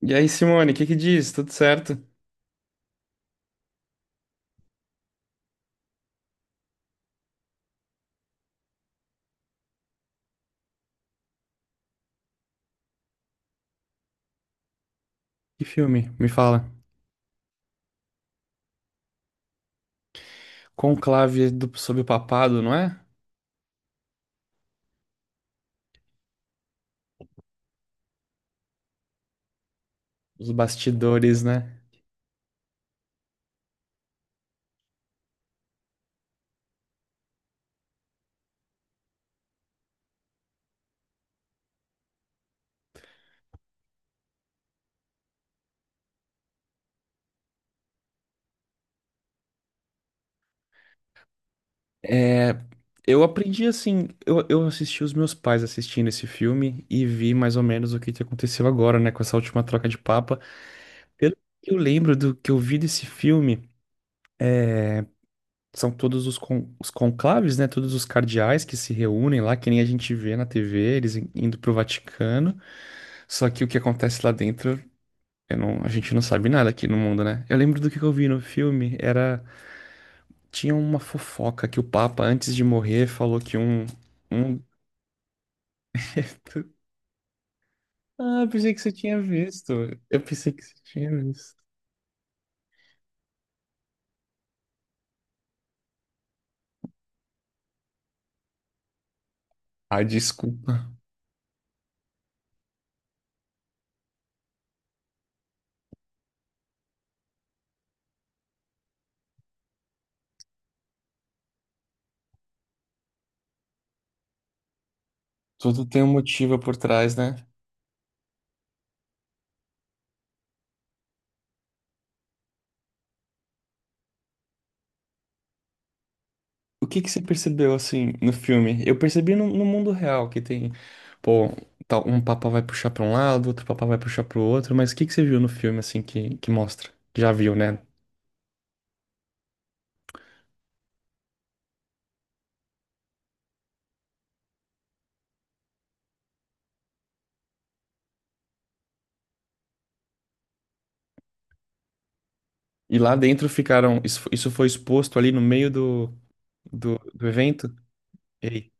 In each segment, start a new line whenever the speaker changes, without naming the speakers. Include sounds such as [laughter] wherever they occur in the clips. E aí, Simone, o que que diz? Tudo certo? Que filme? Me fala. Conclave, do, sobre o papado, não é? Os bastidores, né? É, eu aprendi assim, eu assisti os meus pais assistindo esse filme e vi mais ou menos o que que aconteceu agora, né, com essa última troca de papa. Pelo que eu lembro do que eu vi desse filme, são todos os, os conclaves, né, todos os cardeais que se reúnem lá, que nem a gente vê na TV, eles indo pro Vaticano. Só que o que acontece lá dentro, Eu não, a gente não sabe nada aqui no mundo, né? Eu lembro do que eu vi no filme, era... Tinha uma fofoca que o Papa, antes de morrer, falou que um... um... [laughs] Ah, eu pensei que você tinha visto. Eu pensei que você tinha visto. Ah, desculpa. Tudo tem um motivo por trás, né? O que que você percebeu, assim, no filme? Eu percebi no, no mundo real que tem... Pô, tal, um papa vai puxar pra um lado, outro papa vai puxar pro outro, mas o que que você viu no filme, assim, que mostra? Já viu, né? E lá dentro ficaram. Isso isso foi exposto ali no meio do, do, do evento. E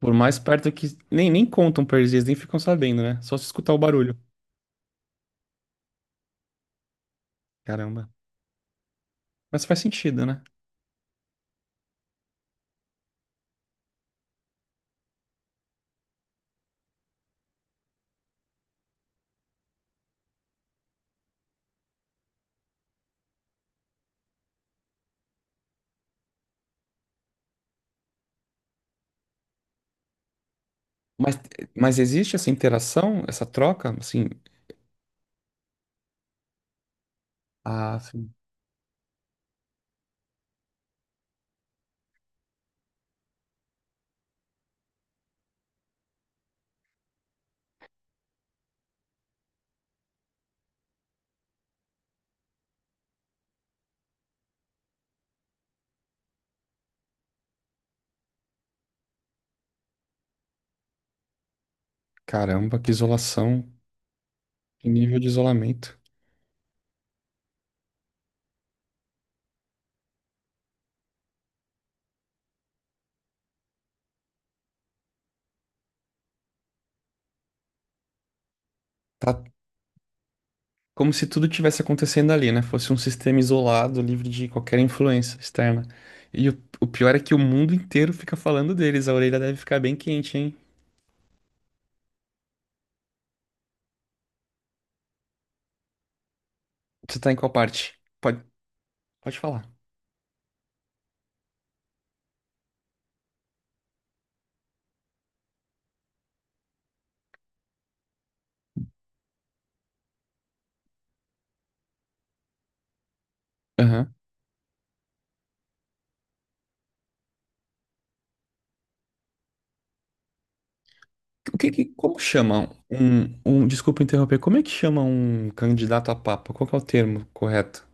por mais perto que. Nem, nem contam pra eles, eles nem ficam sabendo, né? Só se escutar o barulho. Caramba. Mas faz sentido, né? Mas, mas existe essa interação, essa troca? Assim. Ah, assim. Caramba, que isolação. Que nível de isolamento. Tá, como se tudo tivesse acontecendo ali, né? Fosse um sistema isolado, livre de qualquer influência externa. E o pior é que o mundo inteiro fica falando deles. A orelha deve ficar bem quente, hein? Você tá em qual parte? Pode, pode falar. Aham. O que, como chama um, um, desculpa interromper, como é que chama um candidato a papa? Qual que é o termo correto?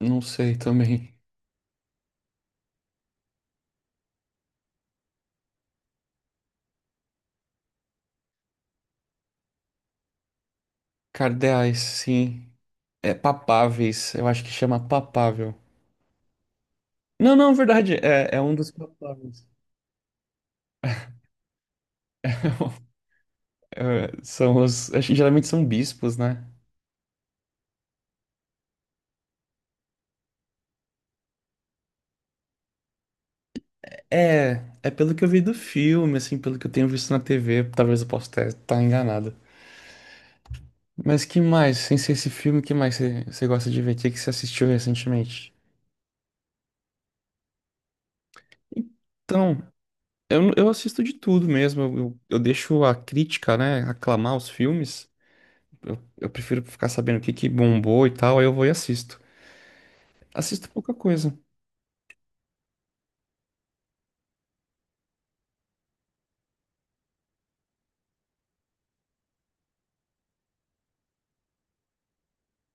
Não sei também. Cardeais, sim. É papáveis, eu acho que chama papável. Não, não, verdade, é, é um dos papáveis. [laughs] É, são os, acho que geralmente são bispos, né? É, é pelo que eu vi do filme, assim, pelo que eu tenho visto na TV, talvez eu possa estar enganado. Mas que mais, sem ser esse filme, que mais você gosta de ver? O que que você assistiu recentemente? Então, eu assisto de tudo mesmo. Eu deixo a crítica, né, aclamar os filmes. Eu prefiro ficar sabendo o que que bombou e tal, aí eu vou e assisto. Assisto pouca coisa.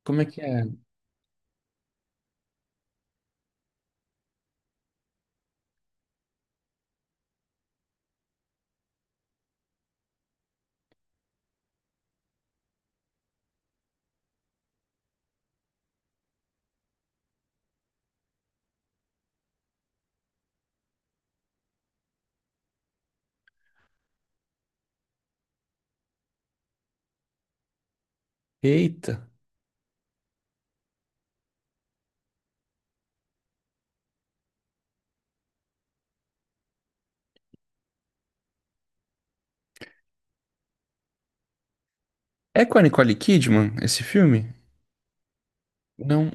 Como é que é? Eita. É com a Nicole Kidman esse filme? Não,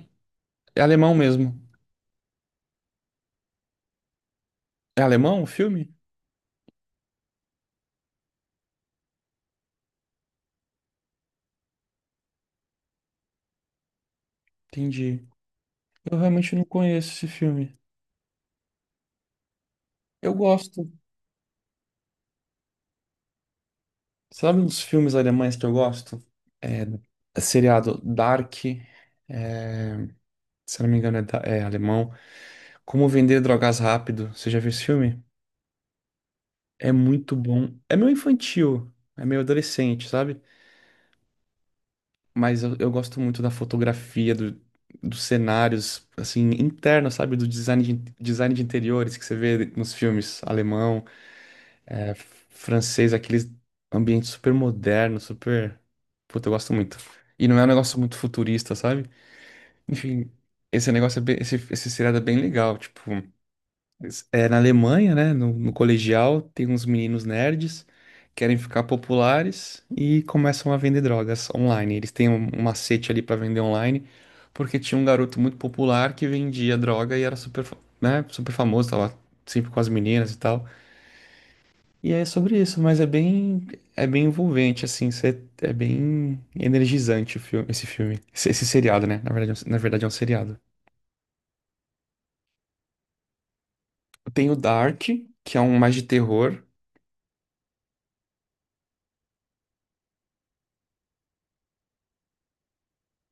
é alemão mesmo. É alemão o filme? Entendi. Eu realmente não conheço esse filme. Eu gosto. Sabe uns filmes alemães que eu gosto? É, seriado Dark, é, se não me engano é, é alemão. Como Vender Drogas Rápido. Você já viu esse filme? É muito bom. É meio infantil, é meio adolescente, sabe? Mas eu gosto muito da fotografia, dos cenários, assim, internos, sabe? Do design de interiores que você vê nos filmes alemão. É, francês, aqueles ambientes super modernos, super. Puta, eu gosto muito. E não é um negócio muito futurista, sabe? Enfim, esse negócio é bem, esse seriado é bem legal. Tipo, é na Alemanha, né? No, no colegial, tem uns meninos nerds, querem ficar populares e começam a vender drogas online. Eles têm um, um macete ali pra vender online, porque tinha um garoto muito popular que vendia droga e era super, né, super famoso, tava sempre com as meninas e tal. E é sobre isso, mas é bem envolvente, assim, é bem energizante o filme, esse seriado, né? Na verdade, é na verdade é um seriado. Tem o Dark, que é um mais de terror.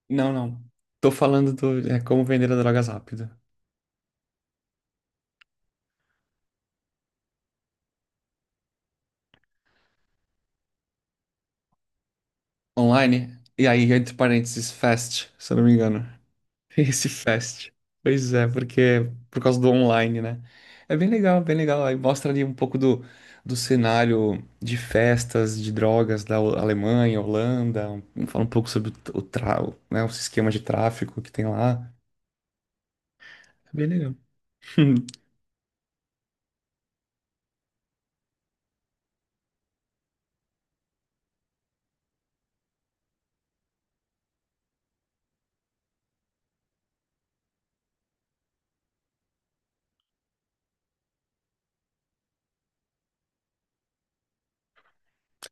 Não, não. Tô falando do, é Como Vender Drogas Rápido. Online, e aí, entre parênteses, Fast, se eu não me engano. [laughs] Esse Fest. Pois é, porque é por causa do online, né? É bem legal, bem legal. Aí mostra ali um pouco do, do cenário de festas, de drogas da Alemanha, Holanda. Um, fala um pouco sobre o, o, o, né, os esquemas de tráfico que tem lá. É bem legal. [laughs]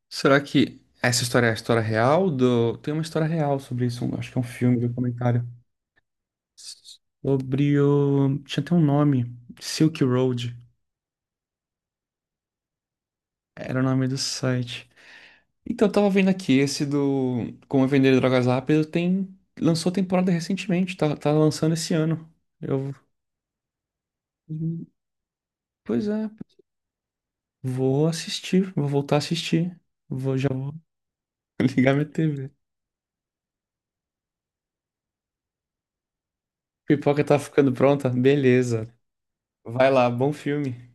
Será que essa história é a história real do... Tem uma história real sobre isso, acho que é um filme, um documentário. Sobre o... Tinha até um nome. Silk Road. Era o nome do site. Então, eu tava vendo aqui, esse do Como Vender Drogas Rápido tem... lançou temporada recentemente, tá, tá lançando esse ano. Eu... Pois é, vou assistir, vou voltar a assistir. Vou, já vou [laughs] ligar minha TV. Pipoca tá ficando pronta? Beleza. Vai lá, bom filme.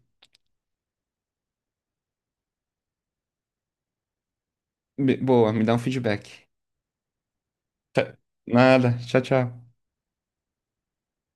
Boa, me dá um feedback. Nada, tchau, tchau.